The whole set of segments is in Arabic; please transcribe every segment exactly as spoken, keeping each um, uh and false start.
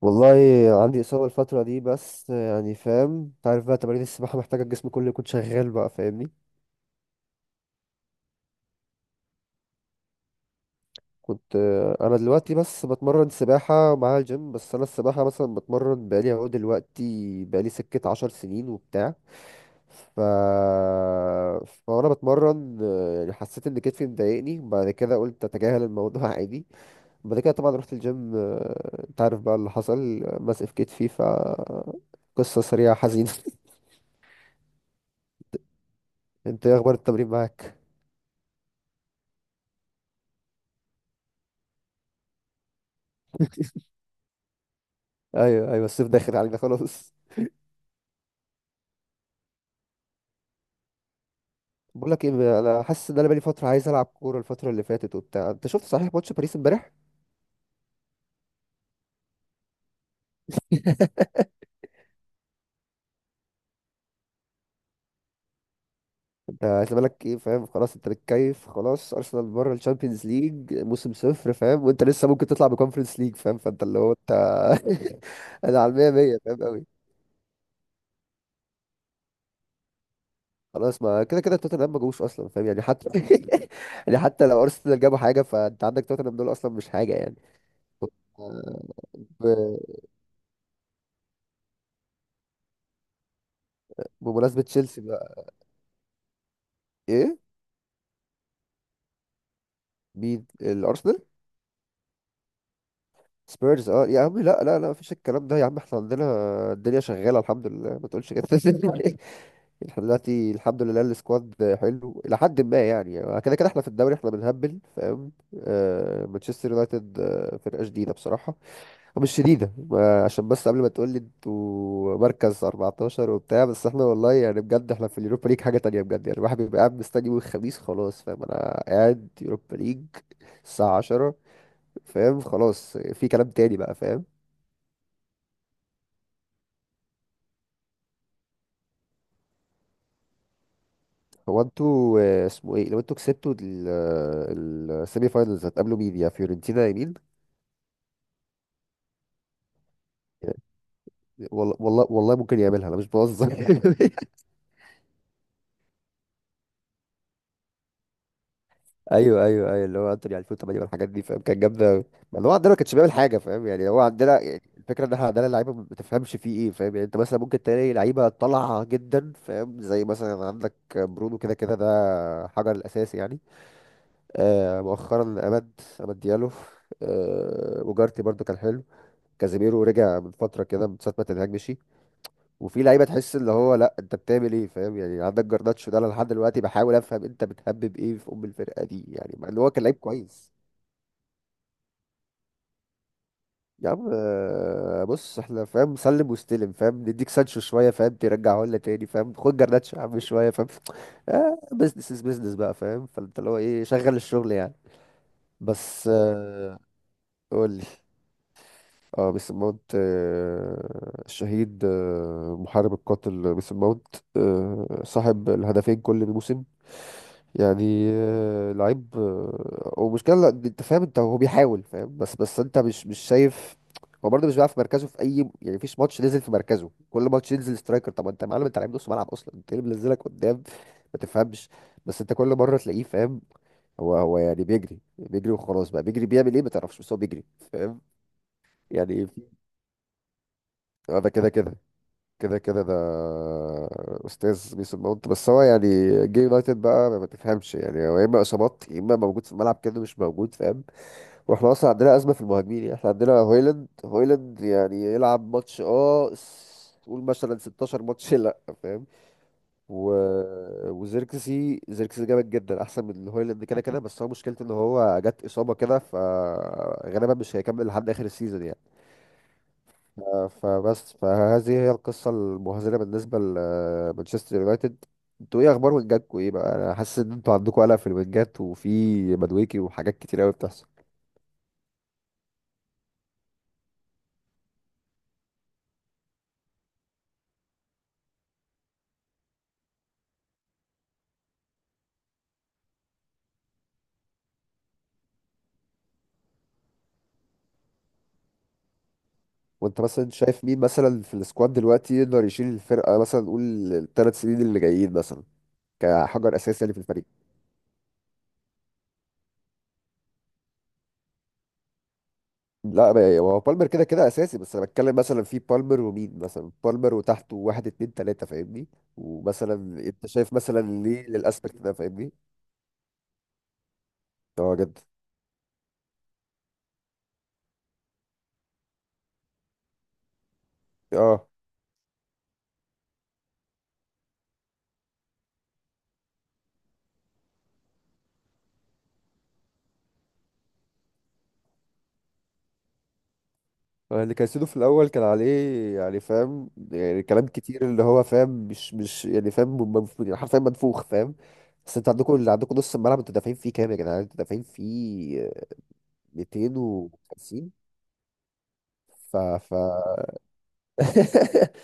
والله عندي إصابة الفترة دي، بس يعني فاهم. انت عارف بقى تمارين السباحة محتاجة الجسم كله يكون شغال بقى، فاهمني. كنت آه، أنا دلوقتي بس بتمرن سباحة مع الجيم، بس أنا السباحة مثلا بتمرن بقالي أهو دلوقتي، بقالي سكة عشر سنين وبتاع. ف... فأنا بتمرن، آه، يعني حسيت إن كتفي مضايقني، بعد كده قلت أتجاهل الموضوع عادي. بعد كده طبعا رحت الجيم، آه، انت عارف بقى اللي حصل، آه، ماسك في كتفي، ف قصة سريعة حزينة. انت ايه اخبار التمرين معاك؟ ايوه ايوه، الصيف داخل علينا خلاص. بقول لك ايه، انا حاسس ان انا بقالي فتره عايز العب كوره الفتره اللي فاتت وبتاع. انت شفت صحيح ماتش باريس امبارح؟ انت عايز بالك ايه فاهم، خلاص انت متكيف، خلاص ارسنال بره الشامبيونز ليج موسم صفر فاهم، وانت لسه ممكن تطلع بكونفرنس ليج فاهم، فانت اللي هو انت. انا على مية مية فاهم قوي. خلاص ما كده كده توتنهام ما جابوش اصلا فاهم يعني حتى. يعني حتى لو ارسنال جابوا حاجه، فانت عندك توتنهام دول اصلا مش حاجه يعني. آه، ب- بمناسبه تشيلسي بقى. ايه؟ مين الارسنال؟ سبيرز؟ اه يا عم لا لا لا، مفيش الكلام ده يا عم، احنا عندنا الدنيا شغاله الحمد لله، ما تقولش كده. احنا دلوقتي الحمد لله السكواد حلو الى حد ما يعني، كده كده احنا في الدوري احنا بنهبل فاهم. آه مانشستر يونايتد، آه، فرقه شديده بصراحه. مش شديده، ما عشان بس قبل ما تقول لي انتوا مركز أربعتاشر وبتاع، بس احنا والله يعني بجد احنا في اليوروبا ليج حاجه تانية بجد يعني. الواحد بيبقى قاعد مستني يوم الخميس خلاص فاهم، انا قاعد يوروبا ليج الساعه عشرة فاهم، خلاص في كلام تاني بقى فاهم. هو انتوا، آه، اسمه ايه، لو انتوا كسبتوا ال- آه، السيمي فاينلز هتقابلوا مين، يا فيورنتينا يا مين؟ والله والله والله ممكن يعملها، انا مش بهزر. ايوه ايوه ايوه، اللي هو انتوني ألفين وتمنية والحاجات دي فاهم، كان جامده أوي. ما اللي هو عندنا ما كانش بيعمل حاجه فاهم يعني. هو عندنا يعني الفكره ان احنا عندنا لعيبه ما تفهمش فيه ايه فاهم يعني. انت مثلا ممكن تلاقي لعيبه طالعه جدا فاهم، زي مثلا عندك برونو كده كده ده حجر الاساسي يعني. آه مؤخرا أمد أمد ديالو. آه وجارتي برضو كان حلو. كازيميرو رجع من فترة كده من ساعة ما تنهاج مشي. وفي لعيبة تحس اللي هو لا أنت بتعمل إيه فاهم يعني. عندك جرناتشو ده، أنا لحد دلوقتي بحاول أفهم أنت بتهبب إيه في أم الفرقة دي يعني، مع إن هو كان لعيب كويس. يا عم، آه، بص احنا فاهم، سلم واستلم فاهم، نديك سانشو شوية فاهم، ترجعه لنا تاني فاهم، خد جرناتشو يا عم شوية فاهم. آه بزنس از بزنس بقى فاهم، فانت اللي هو ايه، شغل الشغل يعني. بس آه قول لي. اه ميس ماونت، آه، الشهيد، آه، محارب القاتل ميس ماونت، آه، صاحب الهدفين كل موسم يعني، آه، لعيب، آه، ومشكلة لا، انت فاهم، انت هو بيحاول فاهم بس، بس انت مش مش شايف. هو برضه مش بيلعب في مركزه في اي، يعني مفيش ماتش نزل في مركزه، كل ماتش ينزل سترايكر. طب انت يا معلم انت لعيب نص ملعب اصلا، انت ليه منزلك قدام، ما تفهمش. بس انت كل مره تلاقيه فاهم، هو هو يعني بيجري بيجري وخلاص بقى، بيجري بيعمل ايه ما تعرفش، بس هو بيجري فاهم. يعني في، اه ده كده كده، كده كده ده استاذ ميسون ماونت، بس هو يعني جه يونايتد بقى، ما ما تفهمش يعني. هو يا اما اصابات، يا اما موجود في الملعب كده مش موجود فاهم. واحنا اصلا عندنا ازمه في المهاجمين يعني، احنا عندنا هويلاند هويلاند يعني يلعب ماتش اه س- قول مثلا ستاشر ماتش لا فاهم. و... وزيركسي زيركسي جامد جدا احسن من هويلاند كده كده بس هو مشكلته ان هو جت اصابه كده، فغالبا مش هيكمل لحد اخر السيزون يعني. آه، فبس فهذه هي القصة المهزلة بالنسبة لمانشستر يونايتد. انتوا ايه اخبار وينجاتكوا، ايه بقى، انا حاسس ان انتوا عندكوا قلق في الوينجات وفي مدويكي وحاجات كتير قوي بتحصل. وانت مثلا شايف مين مثلا في السكواد دلوقتي يقدر يشيل الفرقة، مثلا نقول الثلاث سنين اللي جايين مثلا، كحجر اساسي يعني في الفريق. لا ما- هو بالمر كده كده اساسي، بس انا بتكلم مثلا في بالمر ومين، مثلا بالمر وتحته واحد اتنين تلاتة فاهمني. ومثلا انت شايف مثلا ليه للاسبكت ده فاهمني. اه جدا. اه اللي كايسيدو في الاول كان عليه يعني فاهم، يعني كلام كتير اللي هو فاهم مش مش يعني فاهم، منف- يعني حرفيا منفوخ فاهم. بس انتوا عندكم اللي عندكم نص الملعب، انتوا دافعين فيه كام يا جدعان، انتوا دافعين فيه ميتين وخمسين؟ ف ف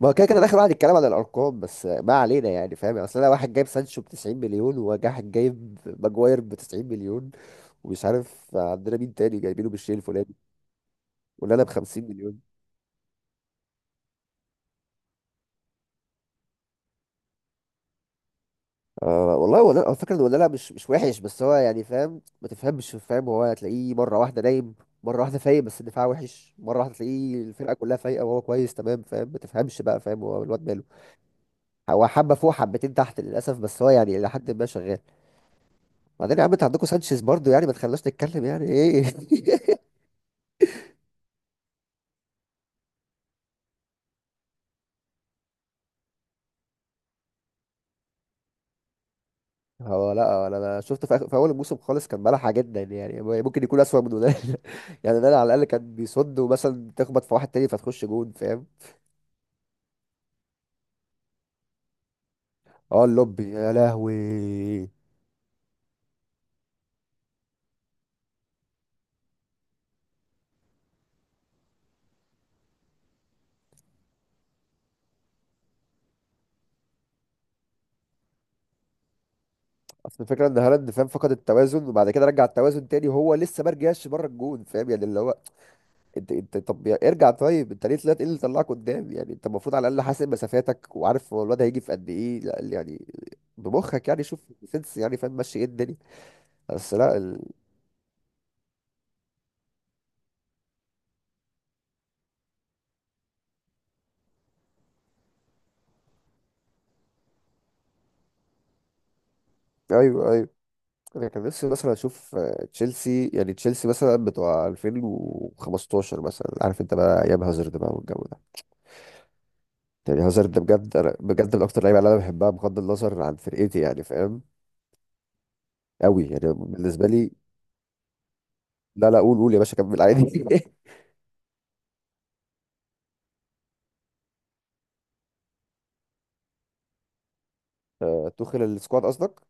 ما هو كده كده داخل واحد يتكلم عن الارقام، بس ما علينا يعني فاهم، يعني اصل انا واحد جايب سانشو ب تسعين مليون، وواحد جايب ماجواير ب تسعين مليون، ومش عارف عندنا مين تاني جايبينه بالشيء الفلاني، ولا انا ب خمسين مليون. آه والله هو ده- على فكرة هو ده لا مش مش وحش، بس هو يعني فاهم ما تفهمش فاهم. هو هتلاقيه مرة واحدة نايم، مرة واحدة فايق بس الدفاع وحش، مرة واحدة تلاقيه الفرقة كلها فايقة وهو كويس تمام فاهم، ما تفهمش بقى فاهم هو الواد ماله. هو حبة فوق حبتين تحت للأسف، بس هو يعني إلى حد ما شغال. بعدين يا عم، انت عندكم سانشيز برضو يعني، ما تخلناش نتكلم يعني ايه. هو لا انا، أنا شفته في, آخر في اول الموسم خالص كان ملحة جدا يعني، ممكن يكون اسوأ من ولاد يعني، ده على الاقل كان بيصد ومثلا تخبط في واحد تاني فتخش جون فاهم. اه اللوبي يا لهوي، اصل الفكره ان هالاند فاهم فقد التوازن، وبعد كده رجع التوازن تاني، وهو لسه ما رجعش بره الجون فاهم يعني اللي هو. انت انت طب يا- ارجع، طيب انت ليه طلعت، ايه اللي طلعك قدام يعني؟ انت المفروض على الاقل حاسب مسافاتك وعارف هو الواد هيجي في قد ايه، لا يعني بمخك يعني، شوف سنس يعني فاهم، ماشي ايه الدنيا. بس لا ال... ايوه ايوه، انا كان نفسي مثلا اشوف، آه، تشيلسي يعني تشيلسي مثلا بتوع ألفين وخمستاشر مثلا، عارف انت بقى ايام هازارد بقى والجو ده يعني. هازارد ده بجد انا بجد من اكتر اللعيبه اللي انا بحبها بغض النظر عن فرقتي يعني فاهم، قوي يعني بالنسبه لي. لا لا قول قول يا باشا، كمل عادي. آه، توخيل السكواد قصدك.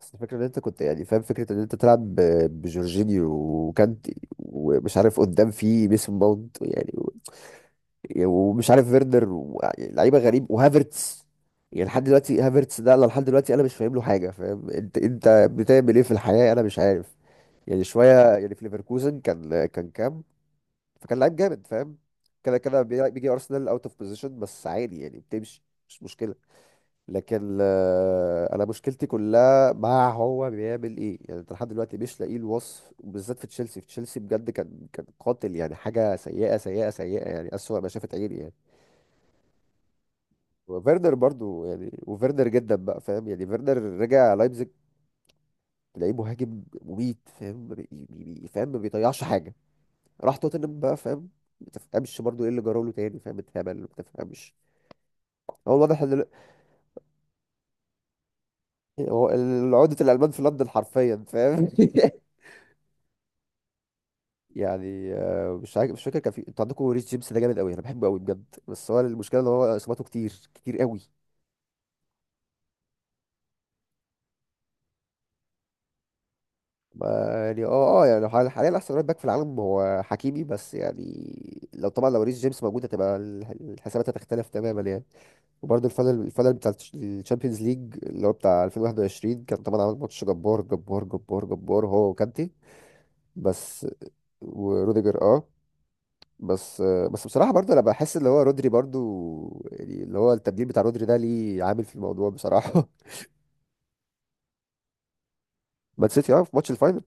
بس الفكره ان انت كنت يعني فاهم، فكره ان انت تلعب ب- بجورجينيو وكانتي ومش عارف قدام في ميسون ماونت يعني، و ومش عارف فيردر و، يعني لعيبه غريب وهافرتس، يعني لحد دلوقتي هافرتس ده انا لحد دلوقتي انا مش فاهم له حاجه فاهم، انت انت بتعمل ايه في الحياه انا مش عارف يعني. شويه يعني في ليفركوزن كان كان كام، فكان لعيب جامد فاهم، كده كده بي- بيجي ارسنال اوت اوف بوزيشن بس عادي يعني بتمشي مش مشكله. لكن آه، انا مشكلتي كلها مع هو بيعمل ايه يعني، انت لحد دلوقتي مش لاقي الوصف، وبالذات في تشيلسي، في تشيلسي بجد كان كان قاتل يعني حاجه سيئه سيئه سيئه يعني، اسوأ ما شافت عيني يعني. وفيرنر برضو يعني، وفيرنر جدا بقى فاهم يعني. فيرنر رجع لايبزيج تلاقيه مهاجم مميت فاهم، ما بي- بي- بي- فاهم ما بيضيعش حاجه. راح توتنهام بقى فاهم، ما تفهمش برضو ايه اللي جراله تاني فاهم، اتهبل ما تفهمش. هو واضح ان ال- هو ال- عقدة الألمان في لندن حرفيا فاهم. يعني آه، مش عارف مش فاكر كان في، انتوا عندكم ريس جيمس ده جامد قوي، انا بحبه قوي بجد، بس هو المشكله ان هو اصاباته كتير كتير قوي. ما يعني اه اه يعني حال- حاليا احسن رايت باك في العالم هو حكيمي، بس يعني لو طبعا لو ريس جيمس موجود هتبقى الح- الحسابات هتختلف تماما يعني. وبرده الفاينل الفاينل بتاع الشامبيونز ليج اللي هو بتاع ألفين وواحد وعشرين، كان طبعا عامل ماتش جبار جبار جبار جبار هو وكانتي. بس وروديجر اه. بس بس بصراحة برضه أنا بحس اللي هو رودري برضه، يعني اللي هو التبديل بتاع رودري ده ليه عامل في الموضوع بصراحة. مان سيتي اه في ماتش الفاينل.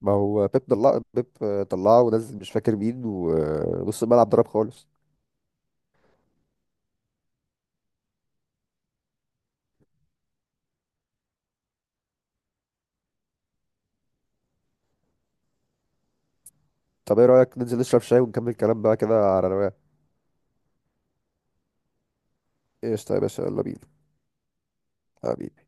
ما هو بيب طلع، بيب طلعه ونزل مش فاكر مين، ونص الملعب ضرب خالص. طب ايه رأيك ننزل نشرب شاي ونكمل كلام بقى كده على رواقة؟ قشطة يا باشا، يلا بينا. حبيبي.